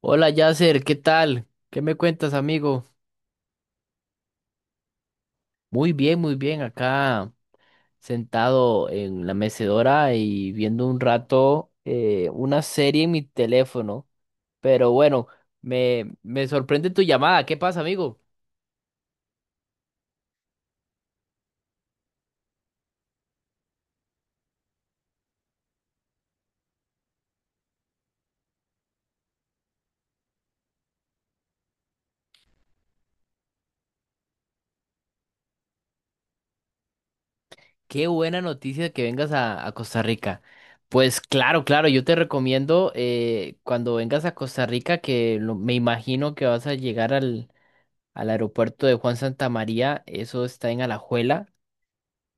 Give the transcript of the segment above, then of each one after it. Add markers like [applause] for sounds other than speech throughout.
Hola Yasser, ¿qué tal? ¿Qué me cuentas, amigo? Muy bien, acá sentado en la mecedora y viendo un rato una serie en mi teléfono. Pero bueno, me sorprende tu llamada. ¿Qué pasa, amigo? Qué buena noticia que vengas a Costa Rica. Pues claro, claro, yo te recomiendo cuando vengas a Costa Rica, me imagino que vas a llegar al aeropuerto de Juan Santa María, eso está en Alajuela.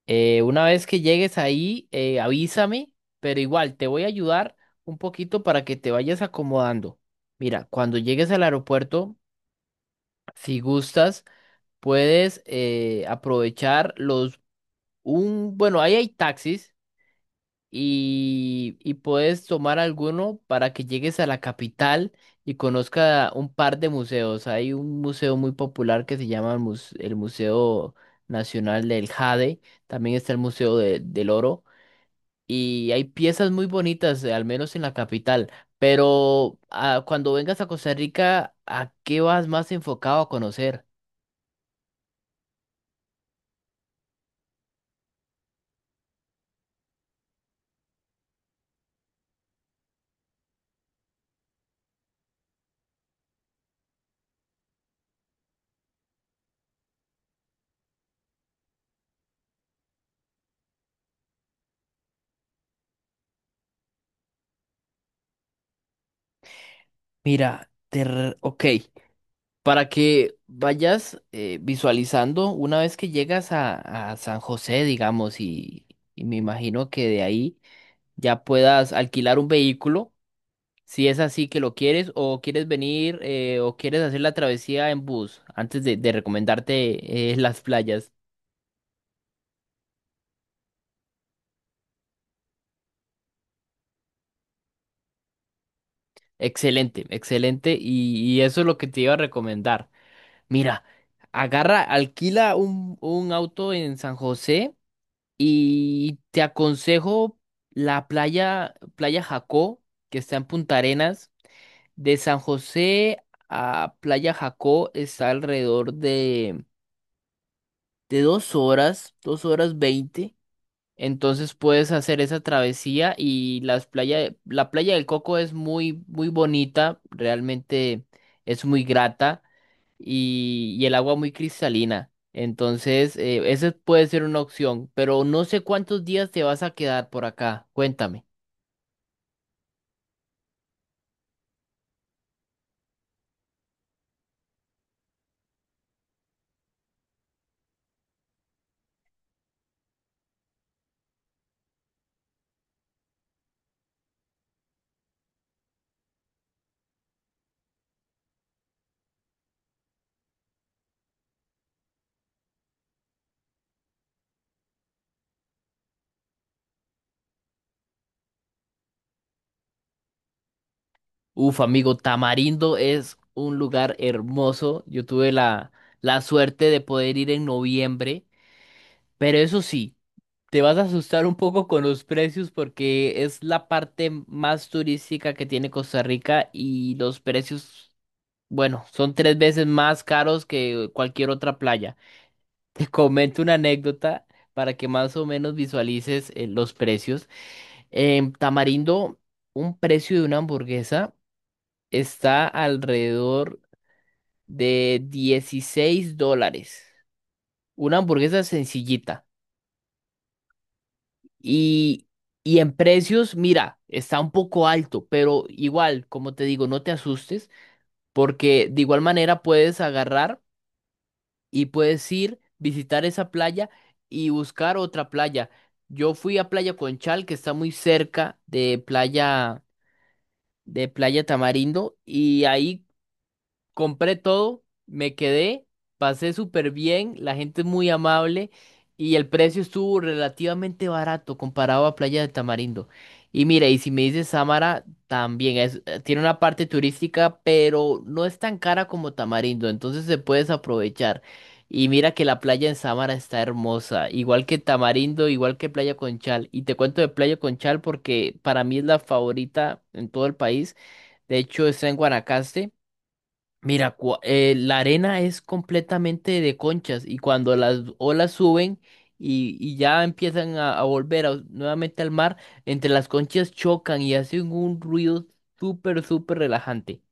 Una vez que llegues ahí, avísame, pero igual te voy a ayudar un poquito para que te vayas acomodando. Mira, cuando llegues al aeropuerto, si gustas, puedes aprovechar bueno, ahí hay taxis y puedes tomar alguno para que llegues a la capital y conozca un par de museos. Hay un museo muy popular que se llama el Museo Nacional del Jade, también está el Museo del Oro. Y hay piezas muy bonitas, al menos en la capital. Pero ah, cuando vengas a Costa Rica, ¿a qué vas más enfocado a conocer? Mira, ok. Para que vayas visualizando una vez que llegas a San José, digamos, y me imagino que de ahí ya puedas alquilar un vehículo, si es así que lo quieres, o quieres venir, o quieres hacer la travesía en bus, antes de recomendarte las playas. Excelente, excelente. Y eso es lo que te iba a recomendar. Mira, agarra, alquila un auto en San José y te aconsejo la playa, Playa Jacó, que está en Punta Arenas. De San José a Playa Jacó está alrededor de 2 horas, 2 horas 20. Entonces puedes hacer esa travesía y las playas, la playa del Coco es muy, muy bonita, realmente es muy grata y el agua muy cristalina. Entonces, esa puede ser una opción, pero no sé cuántos días te vas a quedar por acá. Cuéntame. Uf, amigo, Tamarindo es un lugar hermoso. Yo tuve la suerte de poder ir en noviembre, pero eso sí. Te vas a asustar un poco con los precios porque es la parte más turística que tiene Costa Rica y los precios, bueno, son tres veces más caros que cualquier otra playa. [laughs] Te comento una anécdota para que más o menos visualices los precios. En Tamarindo, un precio de una hamburguesa está alrededor de $16. Una hamburguesa sencillita. Y, y en precios, mira, está un poco alto, pero igual, como te digo, no te asustes, porque de igual manera puedes agarrar y puedes ir, visitar esa playa y buscar otra playa. Yo fui a Playa Conchal, que está muy cerca de de Playa Tamarindo, y ahí compré todo, me quedé, pasé súper bien, la gente es muy amable y el precio estuvo relativamente barato comparado a Playa de Tamarindo. Y mira, y si me dices Samara, también tiene una parte turística, pero no es tan cara como Tamarindo, entonces se puedes aprovechar. Y mira que la playa en Samara está hermosa, igual que Tamarindo, igual que Playa Conchal. Y te cuento de Playa Conchal porque para mí es la favorita en todo el país. De hecho, está en Guanacaste. Mira, la arena es completamente de conchas y cuando las olas suben y ya empiezan a volver nuevamente al mar, entre las conchas chocan y hacen un ruido súper, súper relajante.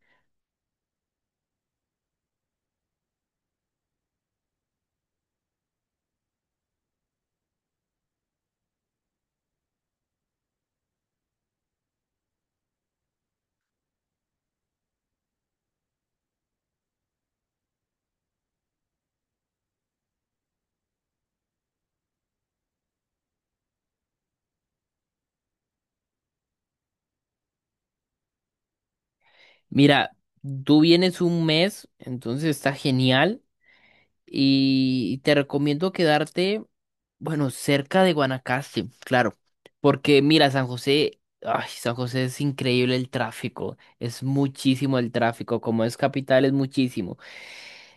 Mira, tú vienes un mes, entonces está genial. Y te recomiendo quedarte, bueno, cerca de Guanacaste, claro, porque mira, San José, ay, San José es increíble el tráfico, es muchísimo el tráfico, como es capital es muchísimo.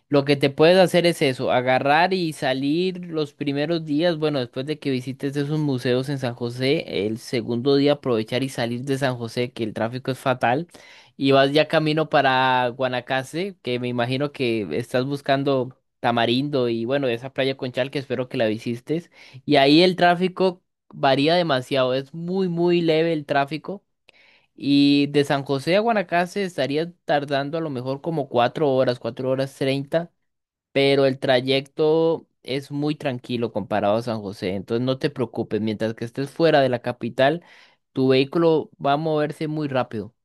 Lo que te puedes hacer es eso, agarrar y salir los primeros días, bueno, después de que visites esos museos en San José, el segundo día aprovechar y salir de San José, que el tráfico es fatal, y vas ya camino para Guanacaste, que me imagino que estás buscando Tamarindo y bueno, esa playa Conchal que espero que la visites, y ahí el tráfico varía demasiado, es muy, muy leve el tráfico. Y de San José a Guanacaste estaría tardando a lo mejor como 4 horas, 4 horas 30, pero el trayecto es muy tranquilo comparado a San José, entonces no te preocupes, mientras que estés fuera de la capital, tu vehículo va a moverse muy rápido.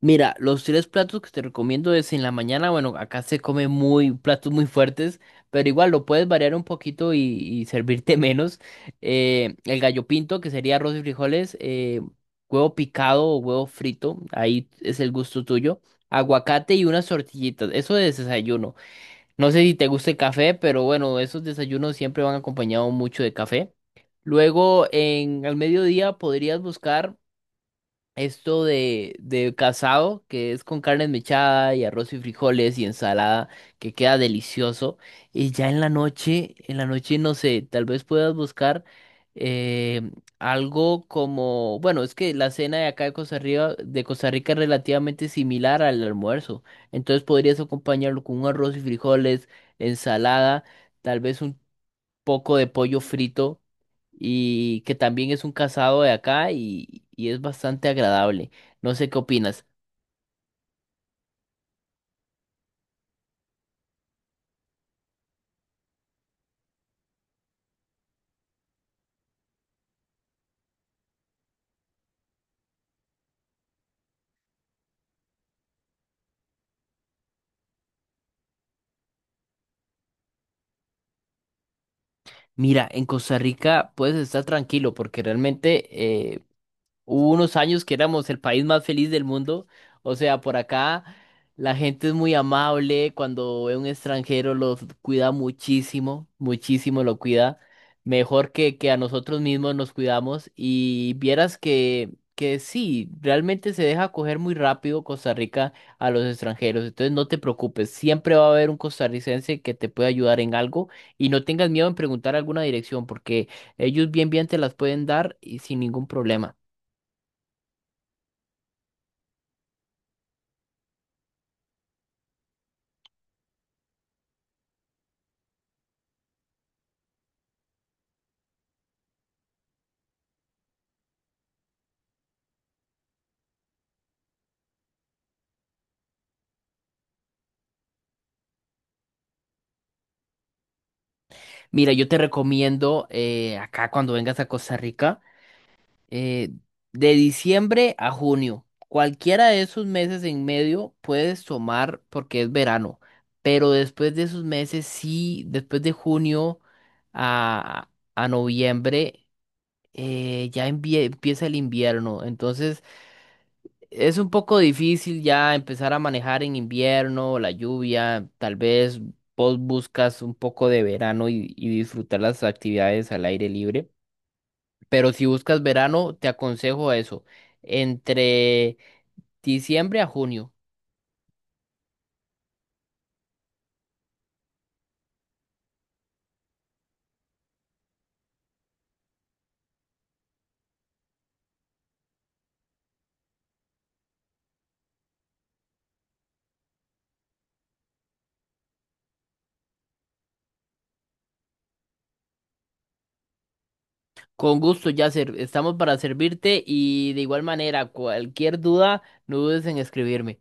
Mira, los tres platos que te recomiendo es en la mañana, bueno, acá se come muy platos muy fuertes, pero igual lo puedes variar un poquito y servirte [laughs] menos. El gallo pinto, que sería arroz y frijoles, huevo picado o huevo frito, ahí es el gusto tuyo. Aguacate y unas tortillitas, eso de desayuno. No sé si te gusta el café, pero bueno, esos desayunos siempre van acompañados mucho de café. Luego, en al mediodía podrías buscar esto de casado, que es con carne mechada y arroz y frijoles y ensalada, que queda delicioso. Y ya en la noche, no sé, tal vez puedas buscar eh, algo como, bueno, es que la cena de acá de Costa Rica es relativamente similar al almuerzo. Entonces podrías acompañarlo con un arroz y frijoles, ensalada, tal vez un poco de pollo frito y que también es un casado de acá y es bastante agradable. No sé qué opinas. Mira, en Costa Rica puedes estar tranquilo porque realmente eh, hubo unos años que éramos el país más feliz del mundo. O sea, por acá la gente es muy amable. Cuando ve un extranjero los cuida muchísimo, muchísimo lo cuida. Mejor que a nosotros mismos nos cuidamos. Y vieras que sí, realmente se deja coger muy rápido Costa Rica a los extranjeros. Entonces no te preocupes, siempre va a haber un costarricense que te puede ayudar en algo. Y no tengas miedo en preguntar alguna dirección porque ellos bien bien te las pueden dar y sin ningún problema. Mira, yo te recomiendo acá cuando vengas a Costa Rica, eh, de diciembre a junio, cualquiera de esos meses en medio puedes tomar porque es verano, pero después de esos meses, sí, después de junio a, a noviembre, empieza el invierno, entonces es un poco difícil ya empezar a manejar en invierno, la lluvia, tal vez vos buscas un poco de verano y disfrutar las actividades al aire libre, pero si buscas verano, te aconsejo eso, entre diciembre a junio. Con gusto, Yasser, estamos para servirte y de igual manera, cualquier duda, no dudes en escribirme.